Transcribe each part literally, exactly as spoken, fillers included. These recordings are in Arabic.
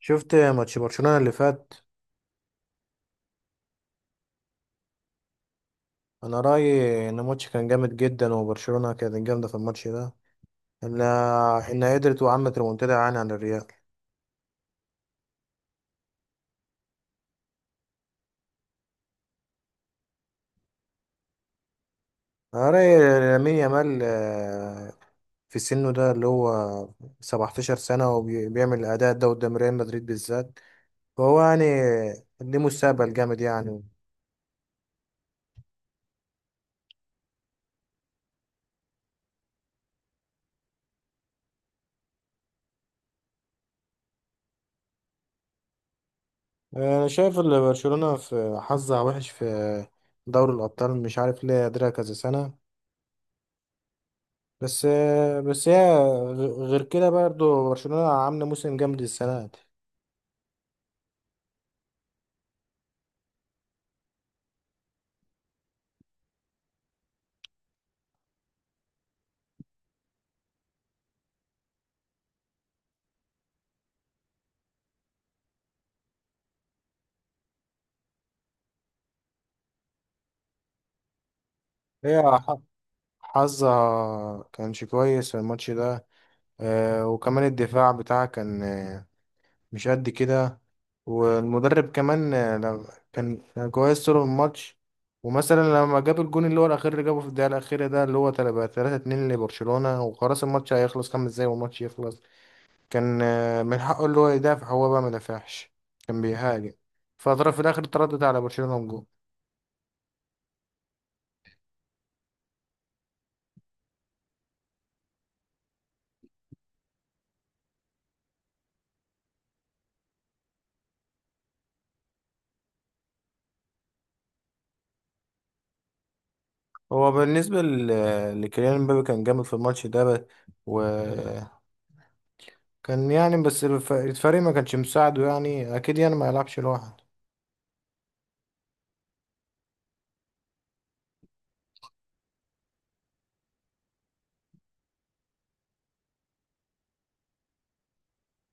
شفت ماتش برشلونة اللي فات. انا رأيي ان الماتش كان جامد جدا وبرشلونة كانت جامدة في الماتش ده. انها انها قدرت وعملت ريمونتادا يعني عن الريال. انا رأيي لامين يامال، آه، في سنه ده اللي هو 17 سنة وبيعمل الأداء ده قدام ريال مدريد بالذات، فهو يعني ليه مستقبل جامد يعني. انا شايف ان برشلونة في حظها وحش في دوري الأبطال، مش عارف ليه قادرة كذا سنة، بس بس هي غ- غير كده برضه برشلونة عاملة موسم جامد السنة دي. هي ح- حظها كانش كويس في الماتش ده، آه، وكمان الدفاع بتاعها كان، آه، مش قد كده، والمدرب كمان آه، لو- كان كان كويس طول الماتش. ومثلا لما جاب الجون اللي هو الأخير اللي جابه في الدقيقة الأخيرة ده، اللي هو تلاتة اتنين لبرشلونة، وخلاص الماتش هيخلص خمس دقايق والماتش يخلص، كان آه، من حقه اللي هو يدافع، هو بقى ما دافعش، كان بيهاجم، فاضطر في الاخر تردد على برشلونة وجون. هو بالنسبة ل- لكيليان مبابي كان جامد في الماتش ده بس، وكان يعني، بس الف- الفريق ما كانش مساعده يعني، اكيد يعني ما يلعبش لوحده.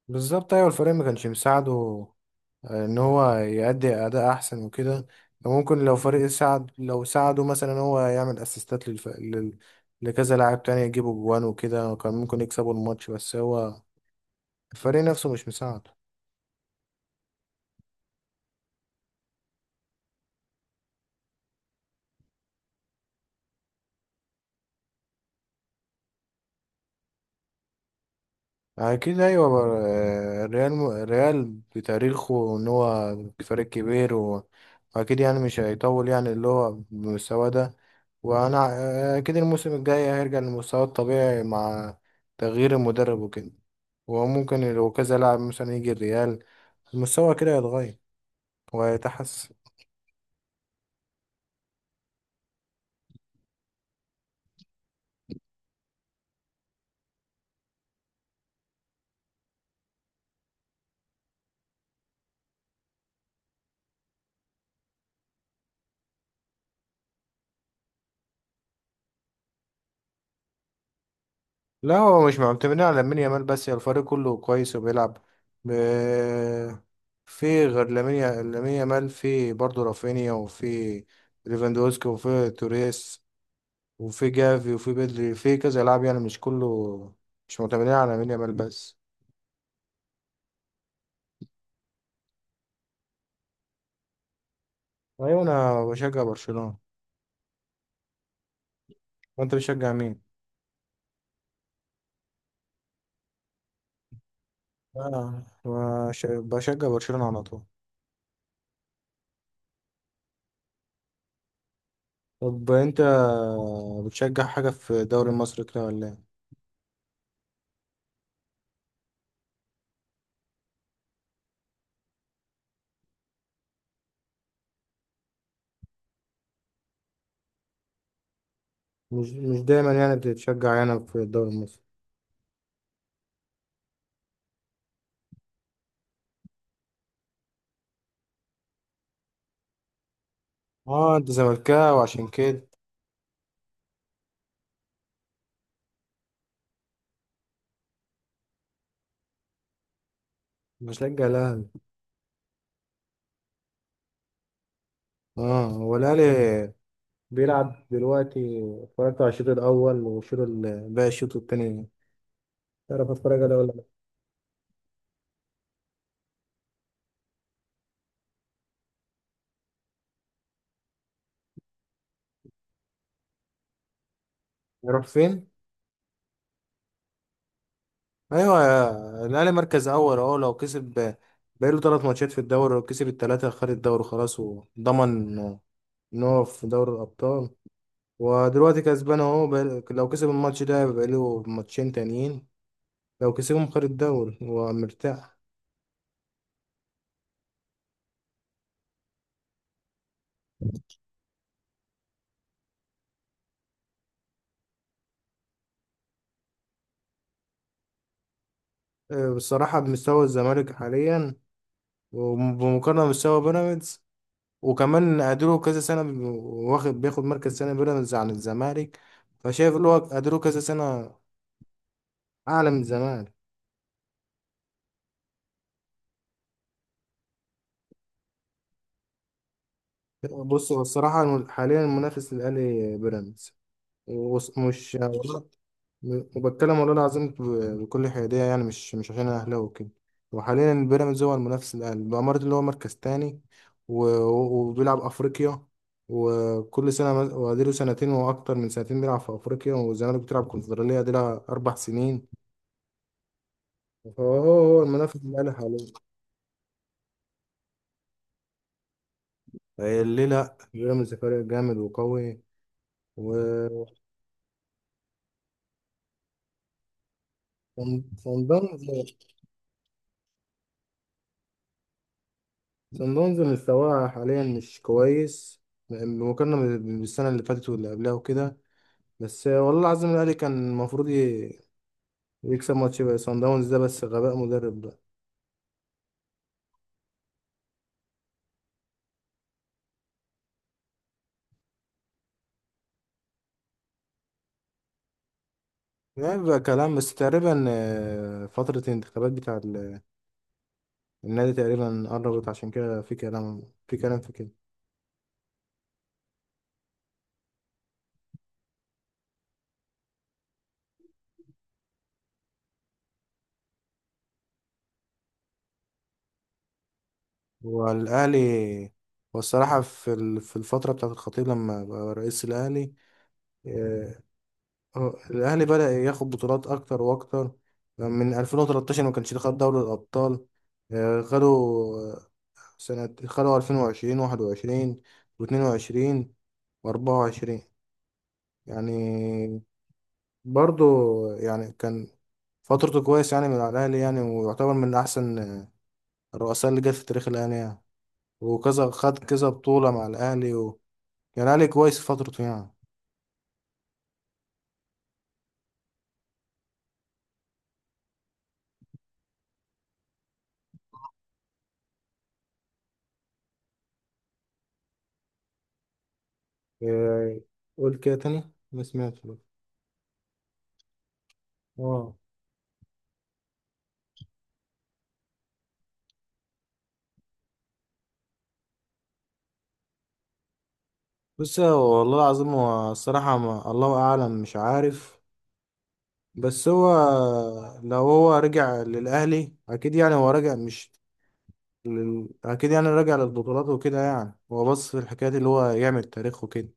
بالظبط، ايوه الفريق ما كانش مساعده، آه، ان هو يأدي اداء احسن وكده. ممكن لو فريق ساعد، لو ساعده مثلا إن هو يعمل اسيستات للف... لل... لكذا لاعب تاني يجيبوا جوان وكده، كان ممكن يكسبوا الماتش، بس هو الفريق نفسه مش مساعده. اكيد ايوه، بر- آه، الريال، م- الريال بتاريخه ان هو فريق كبير، و- واكيد يعني مش هيطول يعني اللي هو بالمستوى ده. وانا آه، اكيد الموسم الجاي هيرجع لمستواه الطبيعي مع تغيير المدرب وكده، وممكن لو كذا لاعب مثلا يجي الريال المستوى كده يتغير ويتحسن. لا، هو مش معتمدين على لامين يامال بس، هي الفريق كله كويس وبيلعب ب... في غير لامين يا- لامين يامال في برضه رافينيا، وفي ليفاندوسكي، وفي توريس، وفي جافي، وفي بدري، في كذا لاعب يعني، مش كله، مش معتمدين على لامين يامال بس. ايوه، انا بشجع برشلونة. وانت بتشجع مين؟ انا بش- بشجع برشلونة على طول. طب انت بتشجع حاجة في الدوري المصري كده ولا ايه؟ مش مش دايما يعني بتتشجع هنا في الدوري المصري. اه انت زملكاوي عشان كده. بشجع الاهلي. اه هو الاهلي بيلعب دلوقتي، اتفرجت على الشوط الاول والشوط ال- باقي الشوط التاني. تعرف اتفرج عليه ولا لا؟ يروح فين؟ ايوه يا- الاهلي مركز اول اهو، لو كسب بقاله ثلاث ماتشات في الدوري، لو كسب الثلاثه خد الدوري خلاص، وضمن ان هو في دوري الابطال. ودلوقتي كسبان اهو بقاله- لو كسب الماتش ده بقاله ماتشين تانيين، لو كسبهم خد الدوري هو مرتاح. آه، بصراحة بمستوى الزمالك حاليا، وبمقارنة بمستوى بيراميدز، وكمان قدروا كذا سنة بي- واخد، بياخد مركز سنة بيراميدز عن الزمالك، فشايف اللي هو قدروا كذا سنة أعلى من الزمالك. بص هو الصراحة الم- حاليا المنافس للأهلي بيراميدز، ومش، وبتكلم والله العظيم ب- بكل حيادية يعني، مش مش عشان أنا أهلاوي وكده. وحاليا بيراميدز هو المنافس الأقل، الإمارات اللي هو مركز تاني، و- و- وبيلعب أفريقيا، وكل سنة مز- وأديله سنتين وأكتر من سنتين بيلعب في أفريقيا، والزمالك بتلعب كونفدرالية دي لها أربع سنين، فهو هو المنافس الأقل حاليا. آه، ليه لأ، بيراميدز فريق جامد وقوي و صن صن داونز صن داونز مستواه حاليا مش كويس بمقارنة بالسنة اللي فاتت واللي قبلها وكده، بس والله العظيم الاهلي كان المفروض ي- يكسب ماتش بقى صن داونز ده، بس غباء مدرب ده. يعني بقى كلام بس تقريبا، آه، فترة الانتخابات بتاع ال- النادي تقريبا قربت، عشان كده في كلام، في كلام في كده. والأهلي، والصراحة في ال- في الفترة بتاعة الخطيب لما بقى رئيس الأهلي، آه، هو الأهلي بدأ ياخد بطولات أكتر وأكتر، من ألفين وثلاثة عشر ما كانش خد دوري الأبطال، آه، خدوا سنة، خدوا ألفين وعشرين واحد وعشرين و22 و24، يعني برضو، يعني كان فترته كويس يعني من على الأهلي، يعني، ويعتبر من أحسن الرؤساء اللي جت في تاريخ الأهلي يعني، وكذا خد كذا بطولة مع الأهلي و... يعني الأهلي كويس في فترته يعني. إيه، قول كده تاني ما سمعتش. اه بس هو والله العظيم، هو الصراحة ما، الله أعلم مش عارف، بس هو لو هو رجع للأهلي أكيد يعني هو رجع، مش لل... اكيد يعني راجع للبطولات وكده يعني، هو بص في الحكايات اللي هو يعمل تاريخ وكده.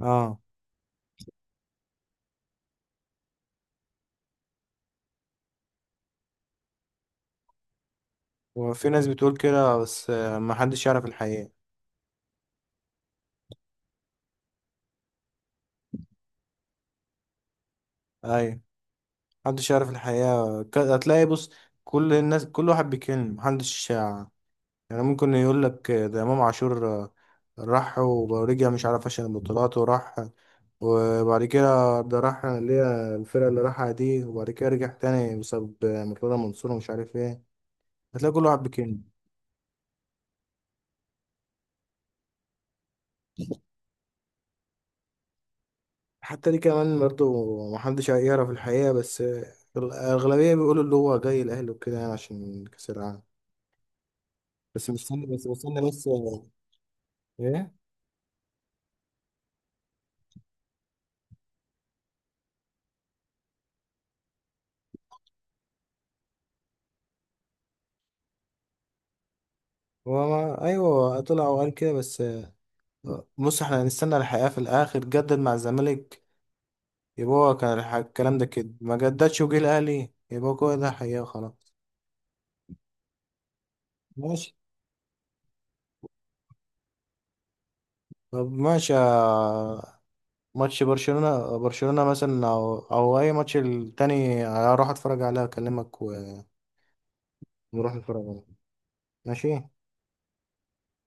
اه، وفي ناس بتقول كده، بس آه، ما حدش يعرف الحقيقة. ايوه، محدش يعرف الحقيقة، ك- هتلاقي بص كل الناس كل واحد بيتكلم، محدش آه، يعني ممكن يقول لك، آه، ده امام عاشور آه، راح ورجع مش عارف عشان البطولات وراح، وبعد كده ده راح اللي هي الفرقة اللي راحها دي، وبعد كده رجع تاني بسبب آه، مرتضى منصور ومش عارف ايه، هتلاقي كل واحد بيتكلم. حتى دي كمان برضو محدش هيعرف الحقيقة، بس الأغلبية بيقولوا اللي هو جاي الأهلي وكده يعني عشان كأس العالم، بس مستني بس مستني بس. إيه؟ هو ما، أيوه طلع وقال كده بس. بص إحنا هنستنى الحقيقة في الآخر، جدد مع الزمالك، يبقى هو كان الح- الكلام ده كده، ما جددش وجه الأهلي، يبقى هو ده حقيقة خلاص. ماشي. طب ماشي يا- ماتش برشلونة برشلونة مثلا، أو أو أي ماتش التاني هروح أتفرج عليه، أكلمك ونروح نتفرج عليه. ماشي.